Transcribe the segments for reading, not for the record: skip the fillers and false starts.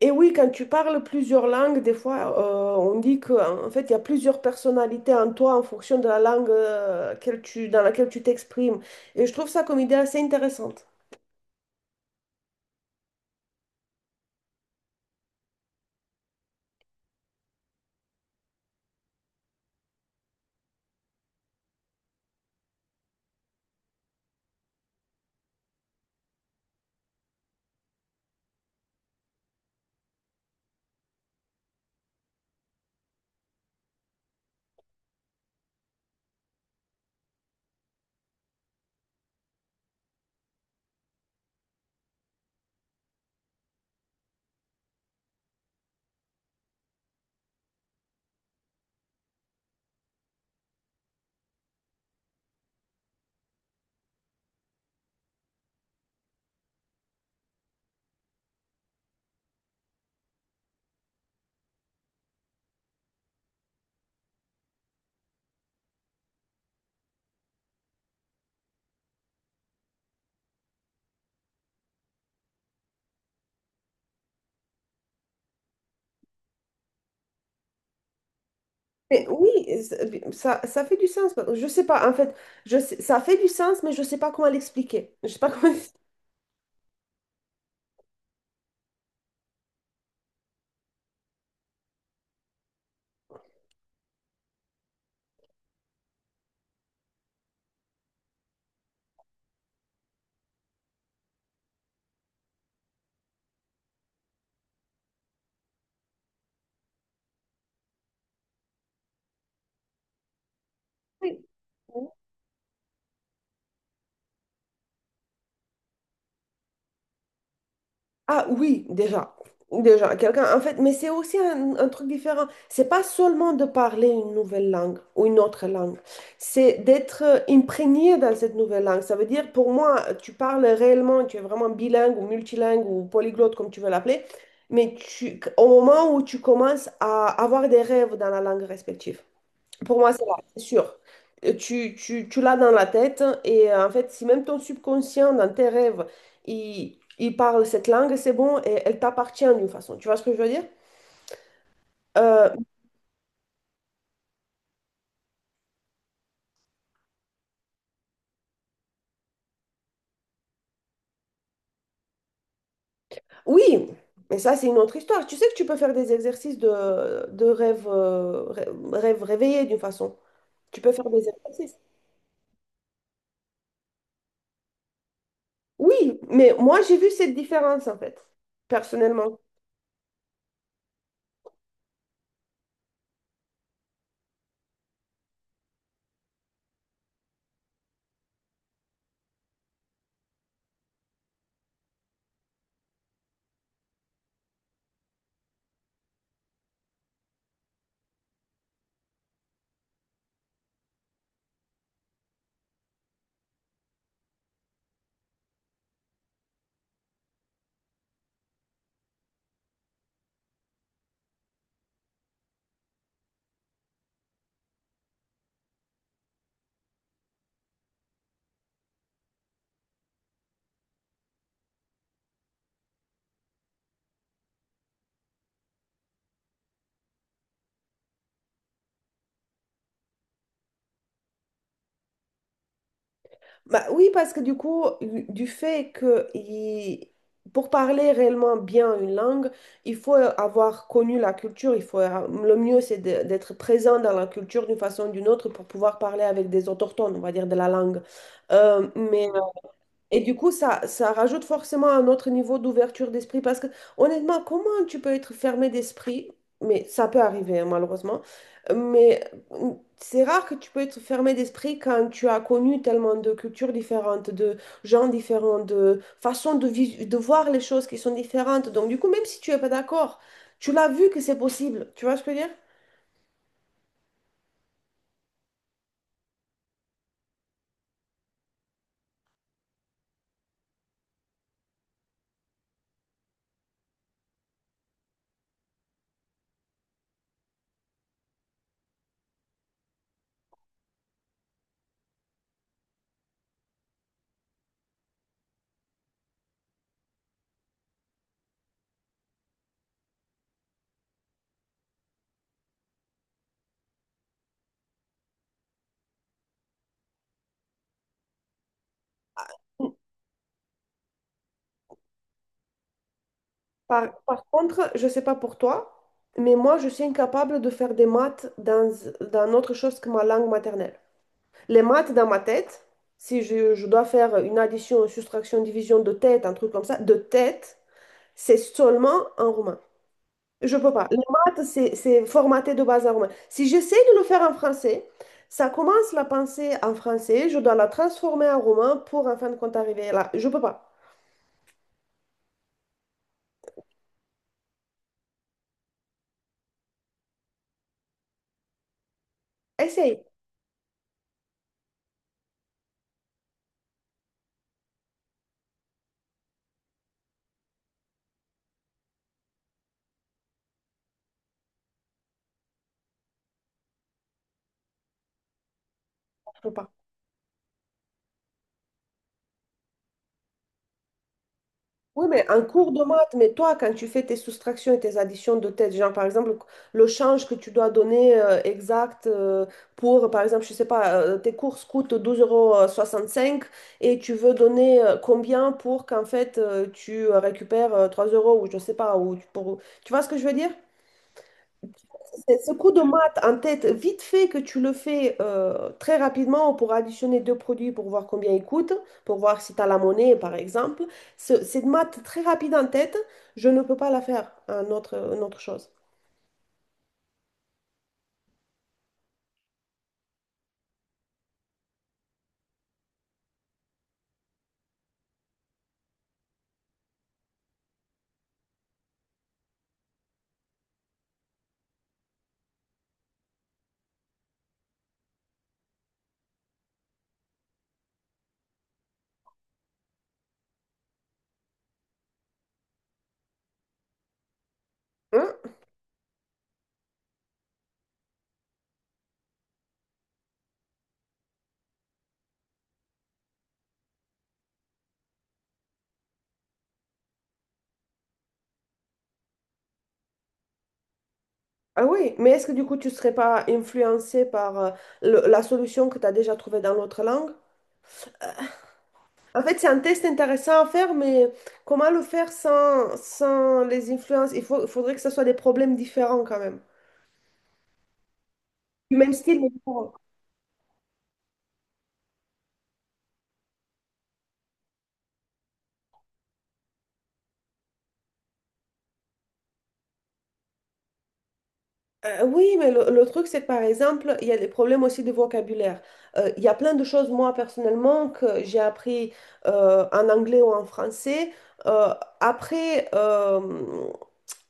Et oui, quand tu parles plusieurs langues, des fois, on dit qu'en en fait, il y a plusieurs personnalités en toi en fonction de la langue dans laquelle tu t'exprimes. Et je trouve ça comme idée assez intéressante. Mais oui, ça fait du sens. Je sais pas, en fait, ça fait du sens, mais je sais pas comment l'expliquer. Je sais pas comment. Oui. Ah oui, déjà. Déjà, quelqu'un, en fait, mais c'est aussi un truc différent. C'est pas seulement de parler une nouvelle langue ou une autre langue, c'est d'être imprégné dans cette nouvelle langue. Ça veut dire, pour moi, tu parles réellement, tu es vraiment bilingue ou multilingue ou polyglotte, comme tu veux l'appeler, mais tu, au moment où tu commences à avoir des rêves dans la langue respective. Pour moi, c'est là, c'est sûr. Tu l'as dans la tête et en fait, si même ton subconscient, dans tes rêves, il parle cette langue, c'est bon et elle t'appartient d'une façon. Tu vois ce que je veux dire? Euh, oui, mais ça, c'est une autre histoire. Tu sais que tu peux faire des exercices de rêve, rêve réveillé d'une façon. Tu peux faire des exercices. Oui, mais moi, j'ai vu cette différence en fait, personnellement. Bah oui, parce que du coup, du fait que pour parler réellement bien une langue, il faut avoir connu la culture. Il faut, le mieux, d'être présent dans la culture d'une façon ou d'une autre pour pouvoir parler avec des autochtones, on va dire, de la langue. Mais et du coup, ça rajoute forcément un autre niveau d'ouverture d'esprit parce que honnêtement, comment tu peux être fermé d'esprit? Mais ça peut arriver, hein, malheureusement. Mais euh, c'est rare que tu peux être fermé d'esprit quand tu as connu tellement de cultures différentes, de gens différents, de façons de voir les choses qui sont différentes. Donc, du coup, même si tu n'es pas d'accord, tu l'as vu que c'est possible. Tu vois ce que je veux dire? Par contre, je ne sais pas pour toi, mais moi, je suis incapable de faire des maths dans autre chose que ma langue maternelle. Les maths dans ma tête, si je dois faire une addition, une soustraction, une division de tête, un truc comme ça, de tête, c'est seulement en roumain. Je peux pas. Les maths, c'est formaté de base en roumain. Si j'essaie de le faire en français, ça commence la pensée en français, je dois la transformer en roumain pour en fin de compte arriver là. Je peux pas. Essaye. Je peux pas. Oui, mais un cours de maths, mais toi, quand tu fais tes soustractions et tes additions de tête, genre par exemple, le change que tu dois donner exact pour, par exemple, je sais pas, tes courses coûtent douze euros soixante-cinq et tu veux donner combien pour qu'en fait tu récupères 3 euros ou je sais pas, pour... Tu vois ce que je veux dire? C'est ce coup de maths en tête, vite fait que tu le fais très rapidement pour additionner deux produits pour voir combien ils coûtent, pour voir si tu as la monnaie par exemple. Cette maths très rapide en tête, je ne peux pas la faire en autre, une autre chose. Hein? Ah oui, mais est-ce que du coup tu ne serais pas influencé par la solution que tu as déjà trouvée dans l'autre langue? En fait, c'est un test intéressant à faire, mais comment le faire sans les influences? Il faudrait que ce soit des problèmes différents quand même. Du même style, mais différent. Oui, mais le truc, c'est que par exemple, il y a des problèmes aussi de vocabulaire. Il y a plein de choses, moi, personnellement, que j'ai appris en anglais ou en français. Euh, après euh,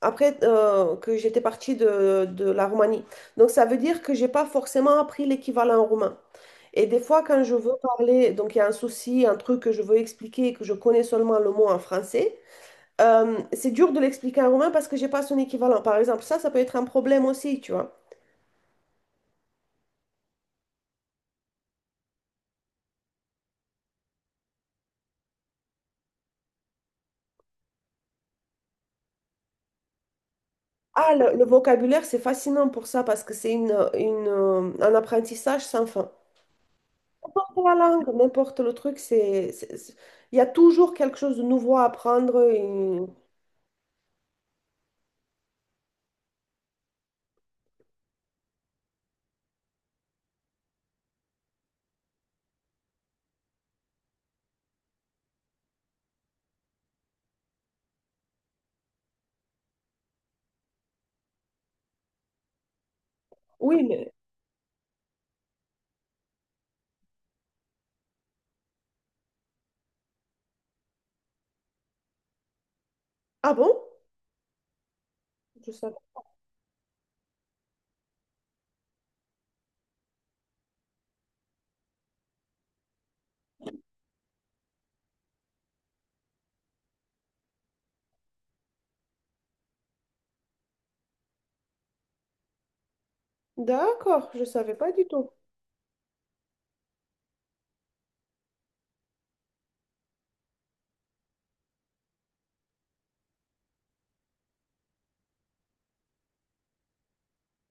après que j'étais partie de la Roumanie. Donc, ça veut dire que j'ai pas forcément appris l'équivalent roumain. Et des fois, quand je veux parler, donc il y a un souci, un truc que je veux expliquer, que je connais seulement le mot en français, c'est dur de l'expliquer en roumain parce que j'ai pas son équivalent. Par exemple, ça peut être un problème aussi, tu vois. Ah, le vocabulaire, c'est fascinant pour ça parce que c'est un apprentissage sans fin. N'importe la langue, n'importe le truc, il y a toujours quelque chose de nouveau à apprendre. Et... Oui, mais... Ah bon? Je savais. D'accord, je savais pas du tout.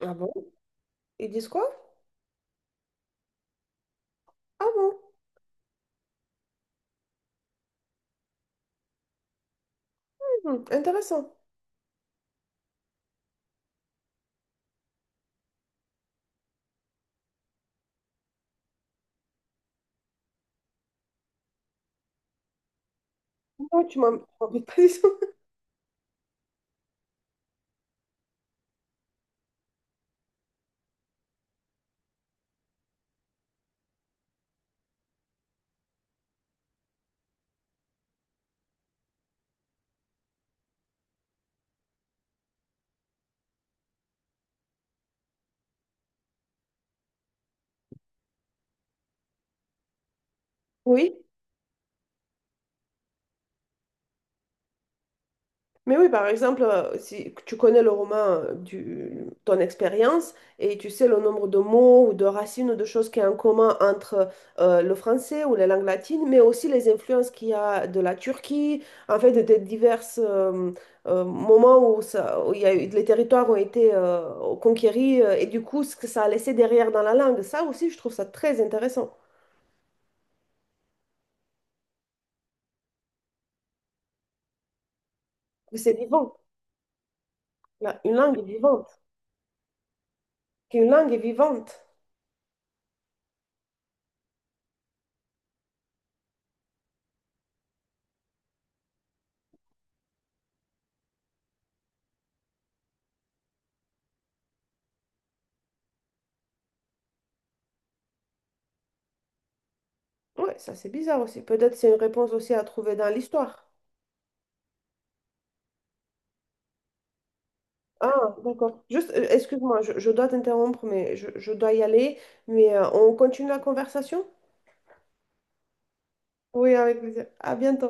Ah bon? Ils disent quoi? Ah bon? Hmm, intéressant. Non, tu m'en dis pas du tout. Oui. Mais oui, par exemple, si tu connais le roman du ton expérience et tu sais le nombre de mots ou de racines ou de choses qui y a en commun entre le français ou les langues latines, mais aussi les influences qu'il y a de la Turquie, en fait, des divers moments où, ça, où il y a eu- les territoires ont été conquéris et du coup, ce que ça a laissé derrière dans la langue. Ça aussi, je trouve ça très intéressant. C'est vivant. Une langue est vivante. Une langue est vivante. Ouais, ça c'est bizarre aussi. Peut-être c'est une réponse aussi à trouver dans l'histoire. Ah, d'accord. Juste, excuse-moi, je dois t'interrompre, mais je dois y aller. Mais on continue la conversation? Oui, avec plaisir. À bientôt.